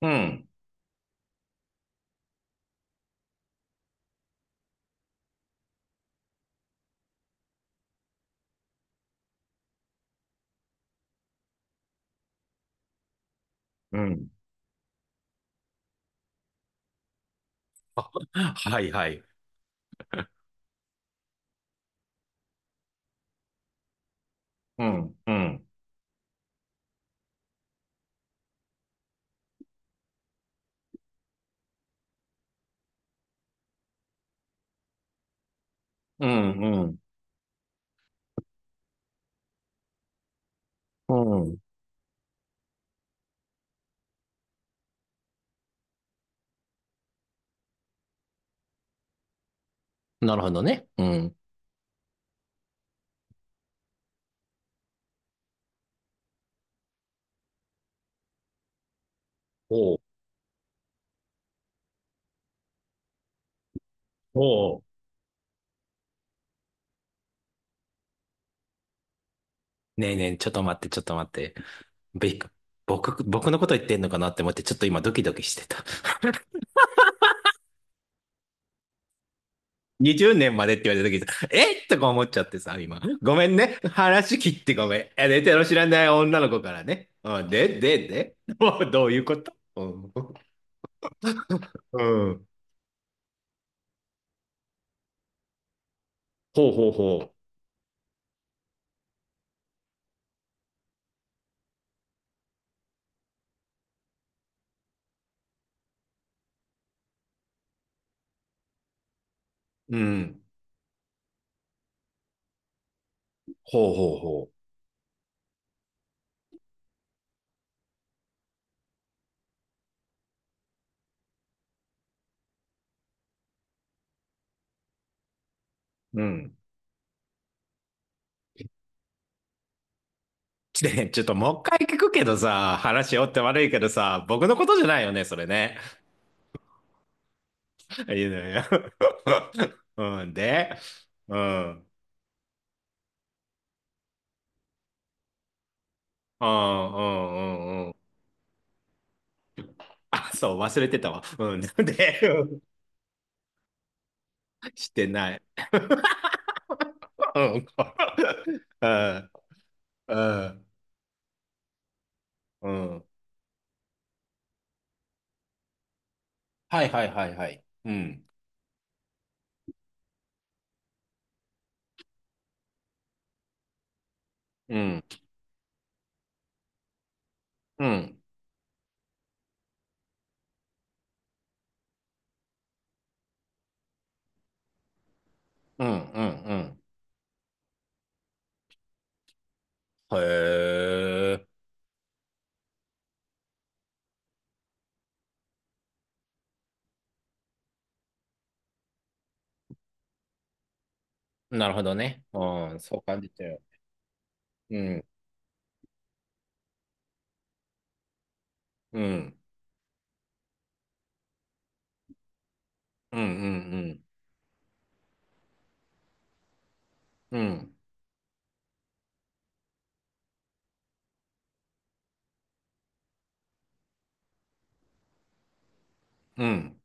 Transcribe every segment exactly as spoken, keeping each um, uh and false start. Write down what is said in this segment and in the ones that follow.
うん、うん、はい。うん、うん、うん、うん、うん。なるほどね。うん。おう、おう。ねえねえ、ちょっと待って、ちょっと待って。べ僕、僕のこと言ってんのかなって思って、ちょっと今ドキドキしてた。にじゅうねんまでって言われた時さえっとか思っちゃってさ、今。ごめんね。話切ってごめん。え、寝てる知らない女の子からね。うん、で、で、で。もうどういうこと？うん。うん。ほうほうほう。うん。ほうほうほう。うん。ね、ちょっともう一回聞くけどさ、話よって悪いけどさ、僕のことじゃないよね、それね。いやいや。 うん、で、うん、うん、うん、うん、うん。あ、そう、忘れてたわ。うん、で、うん。してない。うん、うん、うん、うん。はいはいはいはい。うん、うん、うん、うん、うん、うん。へえ、なるほどね。うん、そう感じて。うん、うん、うん、うん、うん。うんうん。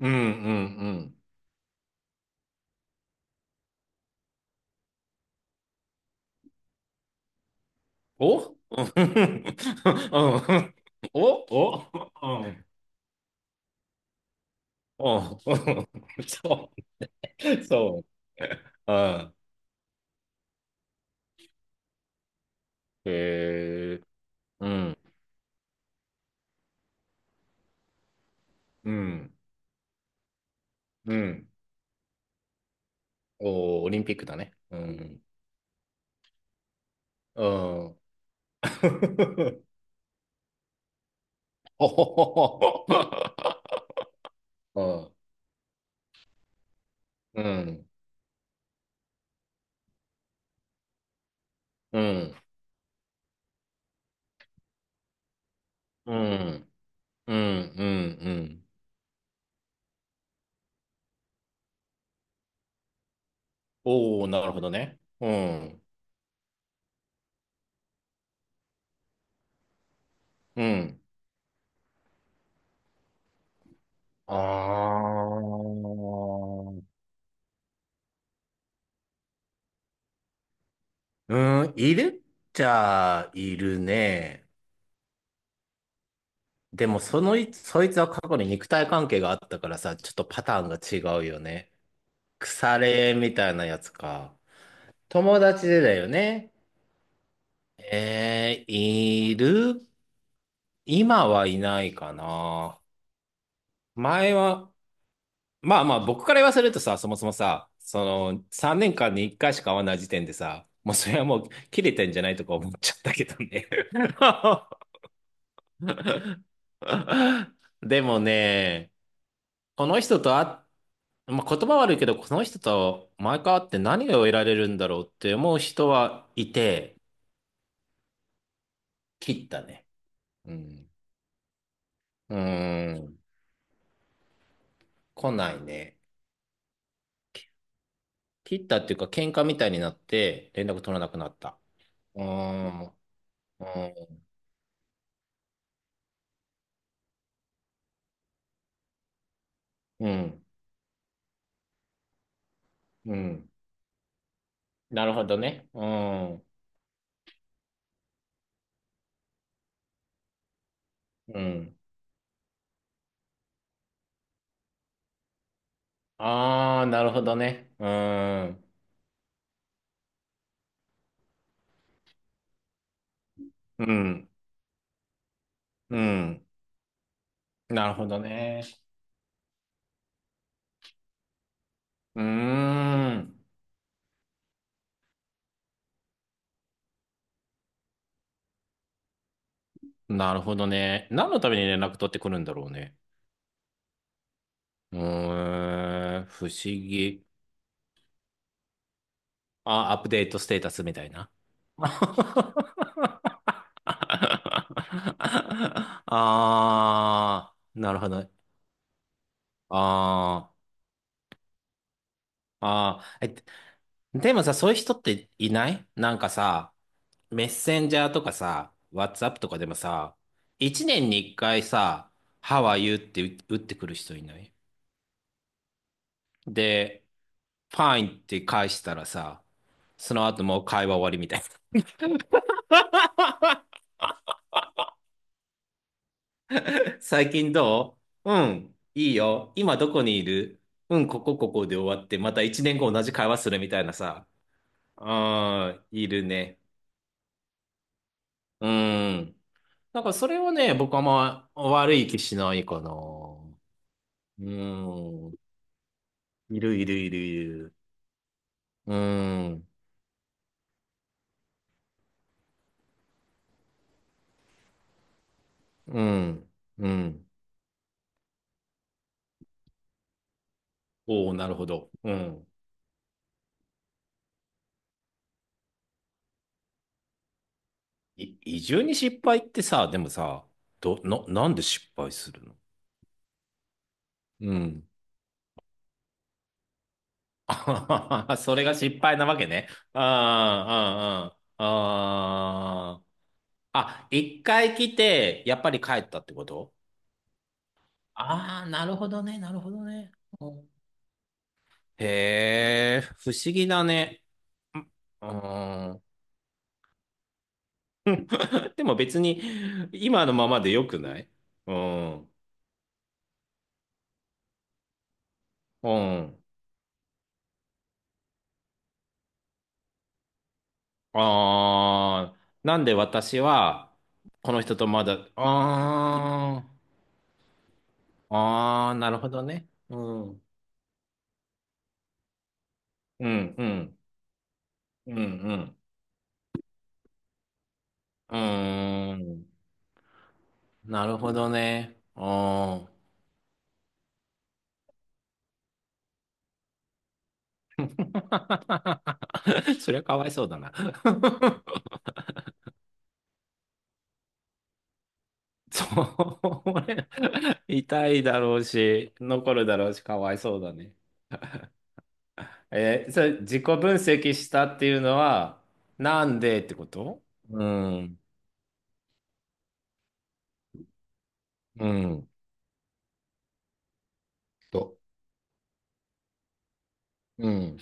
うん、うん、うん。おうん、うん、おおうん、おそう、そう。ああ、へえ、うん、うん、うん。おー、オリンピックだね。うん、うん。おほほほ。うん、うん、うん、うん、うん、うん。おお、なるほどね。うん、うん。あー、うん、いるっちゃいるね。でも、そのい、そいつは過去に肉体関係があったからさ、ちょっとパターンが違うよね。腐れみたいなやつか。友達でだよね。えー、いる、今はいないかな。前は、まあまあ、僕から言わせるとさ、そもそもさ、その、さんねんかんにいっかいしか会わない時点でさ、もうそれはもう切れてんじゃない？とか思っちゃったけどね。でもね、この人と会っ、まあ、言葉悪いけど、この人と毎回会って何が得られるんだろうって思う人はいて、切ったね。うん。うーん。来ないね。切ったっていうか、喧嘩みたいになって連絡取らなくなった。うーん。うん。うん。うん。なるほどね。うん。うん。ああ、なるほどね。うん。うん。うん。なるほどね。うーん。なるほどね。何のために連絡取ってくるんだろうね。うーん。不思議。あ、アップデートステータスみたいな。ああ、なるほどね。ああ、あ、え、でもさ、そういう人っていない？なんかさ、メッセンジャーとかさ、WhatsApp とかでもさ、一年に一回さ、How are you って打ってくる人いない？で、Fine って返したらさ、その後もう会話終わりみたいな。最近どう？うん、いいよ。今どこにいる？うん、ここここで終わって、また一年後同じ会話するみたいなさ。ああ、いるね。うん。なんかそれはね、僕はまあ悪い気しないかな。うーん。いるいるいるいる。うーん。うん。うん。おお、なるほど。うん。い、移住に失敗ってさ、でもさ、ど、な、なんで失敗するの？うん。あはははそれが失敗なわけね。ああ、ああ、ああ。あ、一回来て、やっぱり帰ったってこと？ああー、なるほどね、なるほどね。へえ、不思議だね。うん。でも別に、今のままでよくない？うん。うん。ああ、なんで私は、この人とまだ、ああ、ああ、なるほどね。うん。うん、うん、うん、うん。うーん。なるほどね。うん。そりゃかわいそうだな。そう、痛いだろうし、残るだろうし、かわいそうだね。えー、それ自己分析したっていうのは、なんでってこと？うん、うん、と、うん、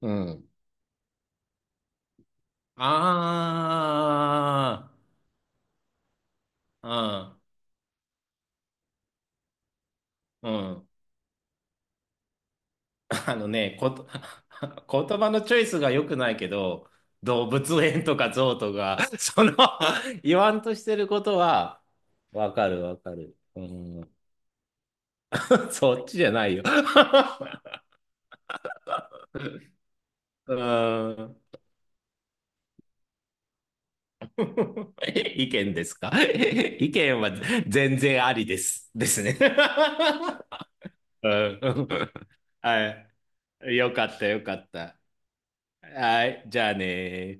うん。ああ、うん、うん。あのね、こと、言葉のチョイスが良くないけど、動物園とかゾウとか、その 言わんとしてることは、わかるわかる。うん。 そっちじゃないよ。うーん。意見ですか？ 意見は全然ありです。ですね。うん。はい。よかった、よかった。はい。じゃあね。